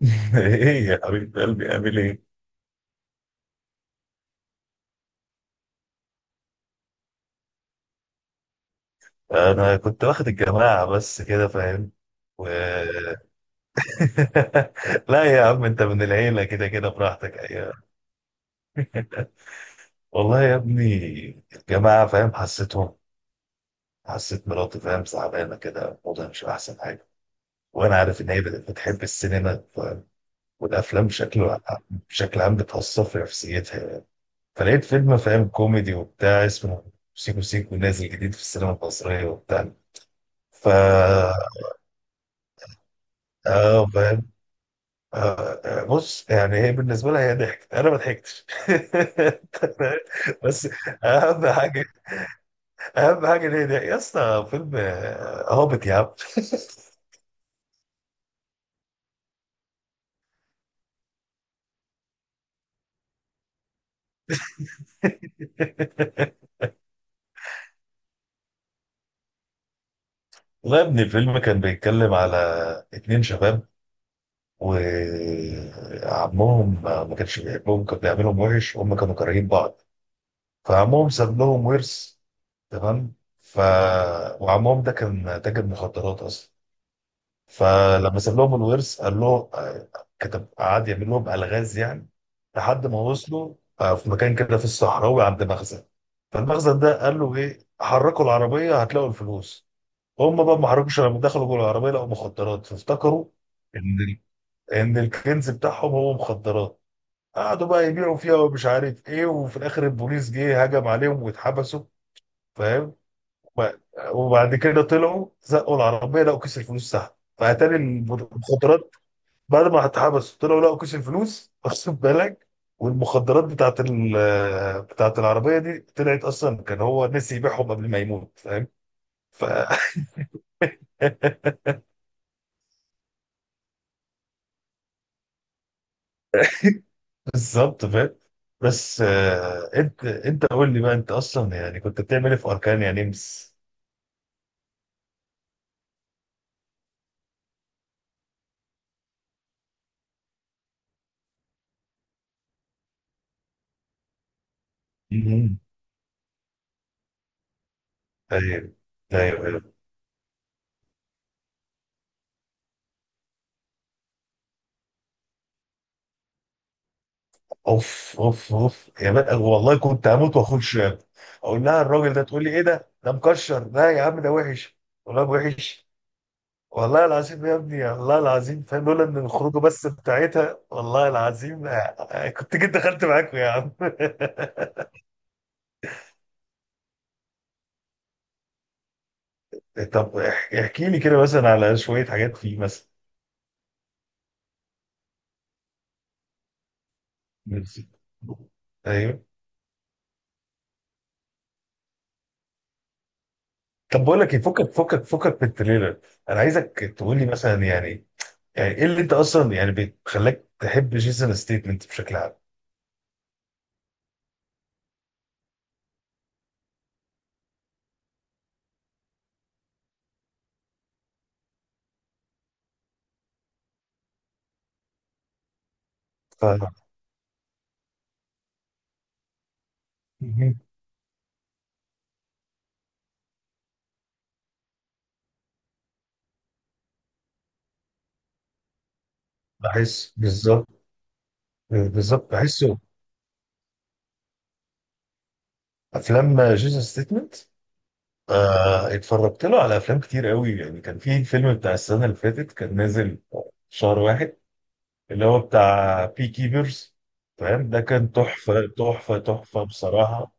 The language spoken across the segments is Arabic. ايه يا حبيب قلبي، اعمل ايه؟ انا كنت واخد الجماعه بس كده، فاهم؟ و... لا يا عم، انت من العيله كده كده براحتك، ايوه. والله يا ابني الجماعه فاهم، حسيتهم. حسيت مراتي فاهم زعلانه كده، وضعها مش احسن حاجه. وانا عارف ان هي بتحب السينما، فاهم؟ والافلام بشكل عام بتاثر في نفسيتها. فلقيت فيلم فاهم كوميدي وبتاع اسمه سيكو سيكو نازل جديد في السينما المصريه وبتاع. ف اه فاهم. بص يعني هي بالنسبه لها هي ضحكت، انا ما ضحكتش. بس اهم حاجه اهم حاجه ان هي ضحكت. يا اسطى فيلم هابط يا عم. والله يا ابني الفيلم كان بيتكلم على اتنين شباب، وعمهم ما كانش بيحبهم، كان بيعملهم وحش، وهم كانوا كارهين بعض. فعمهم ساب لهم ورث. تمام. ف وعمهم ده كان تاجر مخدرات اصلا. فلما ساب لهم الورث قال له، كتب قعد يعمل لهم الغاز يعني. لحد ما وصلوا في مكان كده في الصحراوي عند مخزن. فالمخزن ده قال له ايه، حركوا العربيه هتلاقوا الفلوس. هم بقى ما حركوش، لما دخلوا جوه العربيه لقوا مخدرات، فافتكروا ان ال- ان الكنز بتاعهم هو مخدرات. قعدوا بقى يبيعوا فيها ومش عارف ايه، وفي الاخر البوليس جه هجم عليهم واتحبسوا، فاهم. وب- وبعد كده طلعوا زقوا العربيه لقوا كيس الفلوس تحت. فاتاري المخدرات بعد ما اتحبس، طلعوا لقوا كيس الفلوس، واخد بالك؟ والمخدرات بتاعت العربيه دي طلعت اصلا كان هو نسي يبيعهم قبل ما يموت، فاهم. ف بالظبط فاهم. بس انت قول لي بقى، انت اصلا يعني كنت بتعمل ايه في اركان يا نمس؟ مهم. ايوه ايوه ايوه. اوف اوف اوف يا بقى، والله كنت هموت واخش. اقول لها الراجل ده، تقول لي ايه ده مكشر، لا يا عم ده وحش. والله وحش. والله العظيم يا ابني، والله العظيم فاهم، لولا ان الخروجه بس بتاعتها، والله العظيم. كنت جيت دخلت معاكم يا عم. طب احكي لي كده مثلا على شويه حاجات فيه مثلا. ميرسي. ايوه. طب بقول لك ايه، فكك فكك فكك من التريلر. انا عايزك تقول لي مثلا، يعني ايه اللي انت اصلا يعني بتخليك تحب جيسون ستيتمنت بشكل عام؟ ف مهم. بحس، بالظبط بالظبط بحسه. افلام جيسون ستيتمنت آه، اتفرجت له على افلام كتير قوي. يعني كان في فيلم بتاع السنه اللي فاتت كان نازل شهر واحد، اللي هو بتاع بي كيبرز، فاهم. ده كان تحفه تحفه تحفه بصراحه.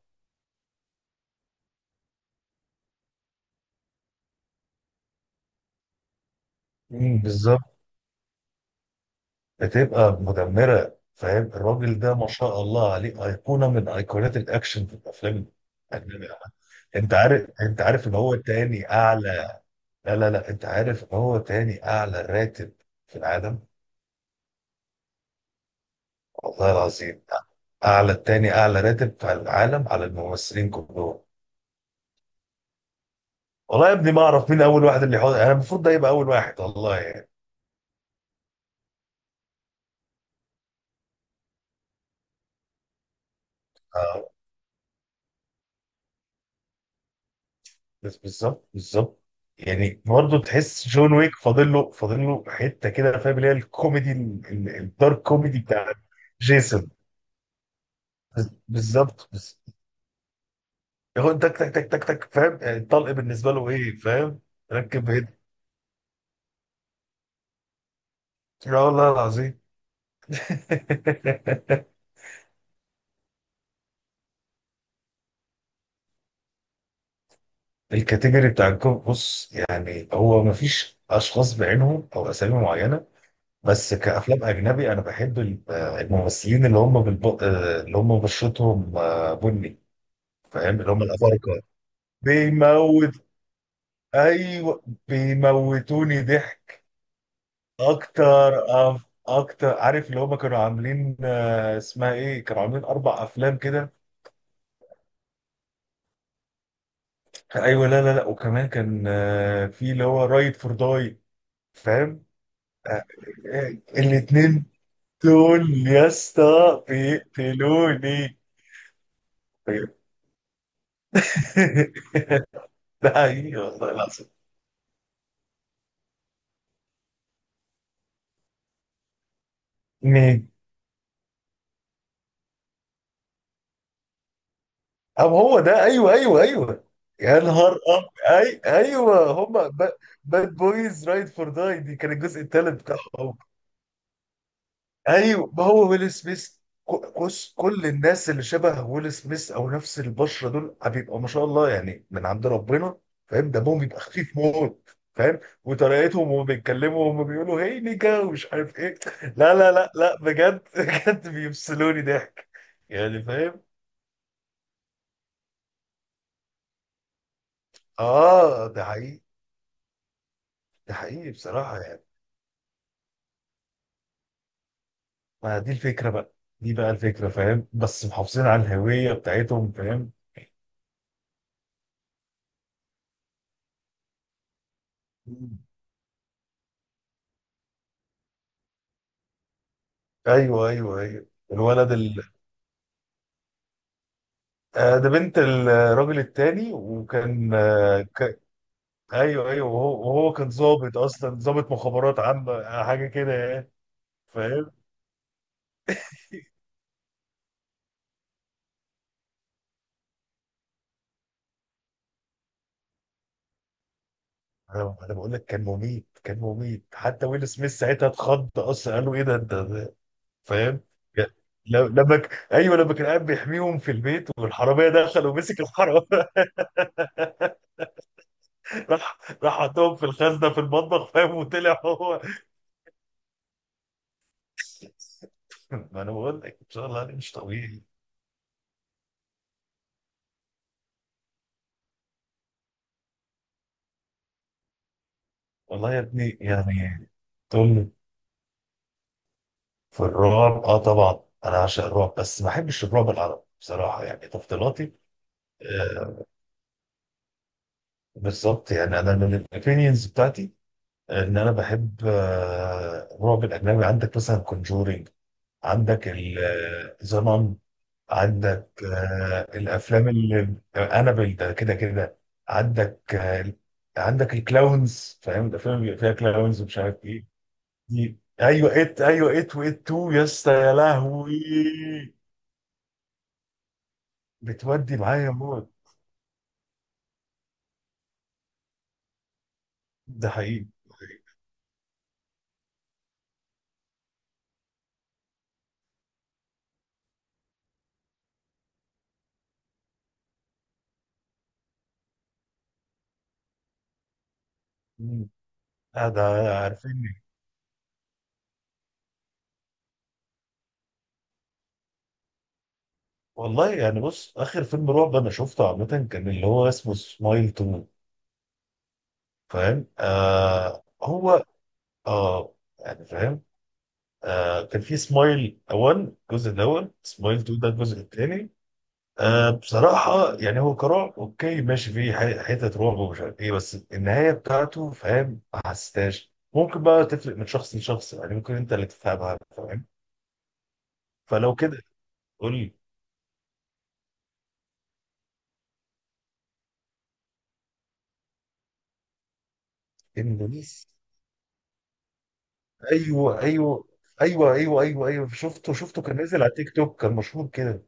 مم، بالظبط. هتبقى مدمره فاهم، الراجل ده ما شاء الله عليه ايقونه من ايقونات الاكشن في الافلام. يعني انت عارف ان هو تاني اعلى، لا لا لا، انت عارف ان هو تاني اعلى راتب في العالم. والله العظيم. تاني اعلى راتب في العالم على الممثلين كلهم. والله يا ابني ما اعرف مين اول واحد، اللي حوض انا المفروض ده يبقى اول واحد، والله يعني. آه. بس بالظبط بالظبط. يعني برضه تحس جون ويك فاضل له حته كده فاهم، اللي هي الكوميدي الدارك كوميدي بتاع جيسون. بالظبط، بس ياخد تك تك تك تك تك، فاهم. يعني الطلق بالنسبه له ايه، فاهم. ركب هنا. لا والله العظيم. الكاتيجوري بتاع الجوب، بص يعني هو مفيش اشخاص بعينهم او اسامي معينه. بس كافلام اجنبي انا بحب الممثلين اللي هم بالب... آه، اللي هم بشرتهم بني، فاهم، اللي هم الافارقه. بيموت. ايوه. بيموتوني ضحك. اكتر، اكتر، عارف اللي هم كانوا عاملين اسمها ايه، كانوا عاملين اربع افلام كده. ايوه. لا لا لا، وكمان كان في اللي هو رايد فور داي، فاهم. آه، آه، الاتنين دول يا اسطى بيقتلوني. طيب. ده حقيقي والله العظيم. مين؟ هو ده، أيوه أيوه أيوه. يا نهار أب أي أيوه، هما باد بويز رايد فور داي، دي كان الجزء الثالث بتاعهم. ايوه. ما هو ويل سميث، كل الناس اللي شبه ويل سميث او نفس البشره دول بيبقى ما شاء الله يعني من عند ربنا. فاهم، دمهم بيبقى خفيف موت، فاهم، وطريقتهم وهم بيتكلموا وهم بيقولوا هي نيكا ومش عارف ايه. لا لا لا لا، بجد بجد بيفصلوني ضحك. يعني فاهم. اه ده حقيقي. ده حقيقي بصراحه يعني. ما دي الفكره بقى، دي بقى الفكره، فاهم، بس محافظين على الهويه بتاعتهم فاهم. مم. ايوه ايوه ايوه الولد. ده بنت الراجل التاني، وكان ايوه ايوه، وهو كان ضابط اصلا، ضابط مخابرات عامه حاجه كده يعني، فاهم. انا بقول لك كان مميت، كان مميت، حتى ويل سميث ساعتها اتخض اصلا، قالوا ايه ده، انت فاهم. ايوه، لما كان قاعد بيحميهم في البيت والحراميه دخل ومسك الحراميه. راح راح حطهم في الخزنه في المطبخ، فاهم، وطلع هو. ما انا بقول لك، ان شاء الله يعني مش طبيعي. والله يا ابني يعني. طول. في الرعب، اه طبعا انا عاشق الرعب، بس ما بحبش الرعب العربي بصراحه، يعني تفضيلاتي. آه بالظبط، يعني انا من الاوبينيونز بتاعتي ان انا بحب الرعب الاجنبي. عندك مثلا كونجورينج، عندك زنان، عندك الافلام اللي انابل ده كده كده. عندك عندك الكلاونز، فاهم، الافلام اللي بيبقى فيها كلاونز ومش عارف ايه. دي، ايوه، ات، ايوه، ات وات تو يا اسطى يا لهوي. بتودي معايا موت. ده حقيقي. مم. آه ده. عارفيني. والله يعني، بص اخر فيلم رعب انا شفته عامه كان اللي هو اسمه سمايل تو، فاهم. آه هو، اه يعني فاهم. آه كان في سمايل 1، الجزء الاول، سمايل 2 ده الجزء الثاني. آه بصراحه يعني هو كرعب اوكي ماشي، فيه حتت رعب ومش عارف ايه، بس النهايه بتاعته فاهم ما حسيتهاش. ممكن بقى تفرق من شخص لشخص، يعني ممكن انت اللي تفهمها، فاهم. فلو كده قول لي. اندونيسي؟ ايوه ايوه ايوه ايوه ايوه ايوه، شفته كان نازل على تيك توك كان مشهور كده.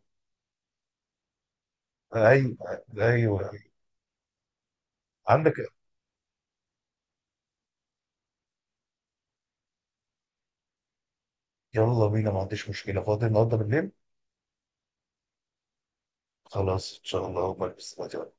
ايوه ايوه. عندك. يلا بينا، ما عنديش مشكله، فاضي النهارده بالليل. خلاص ان شاء الله بلبس دلوقتي.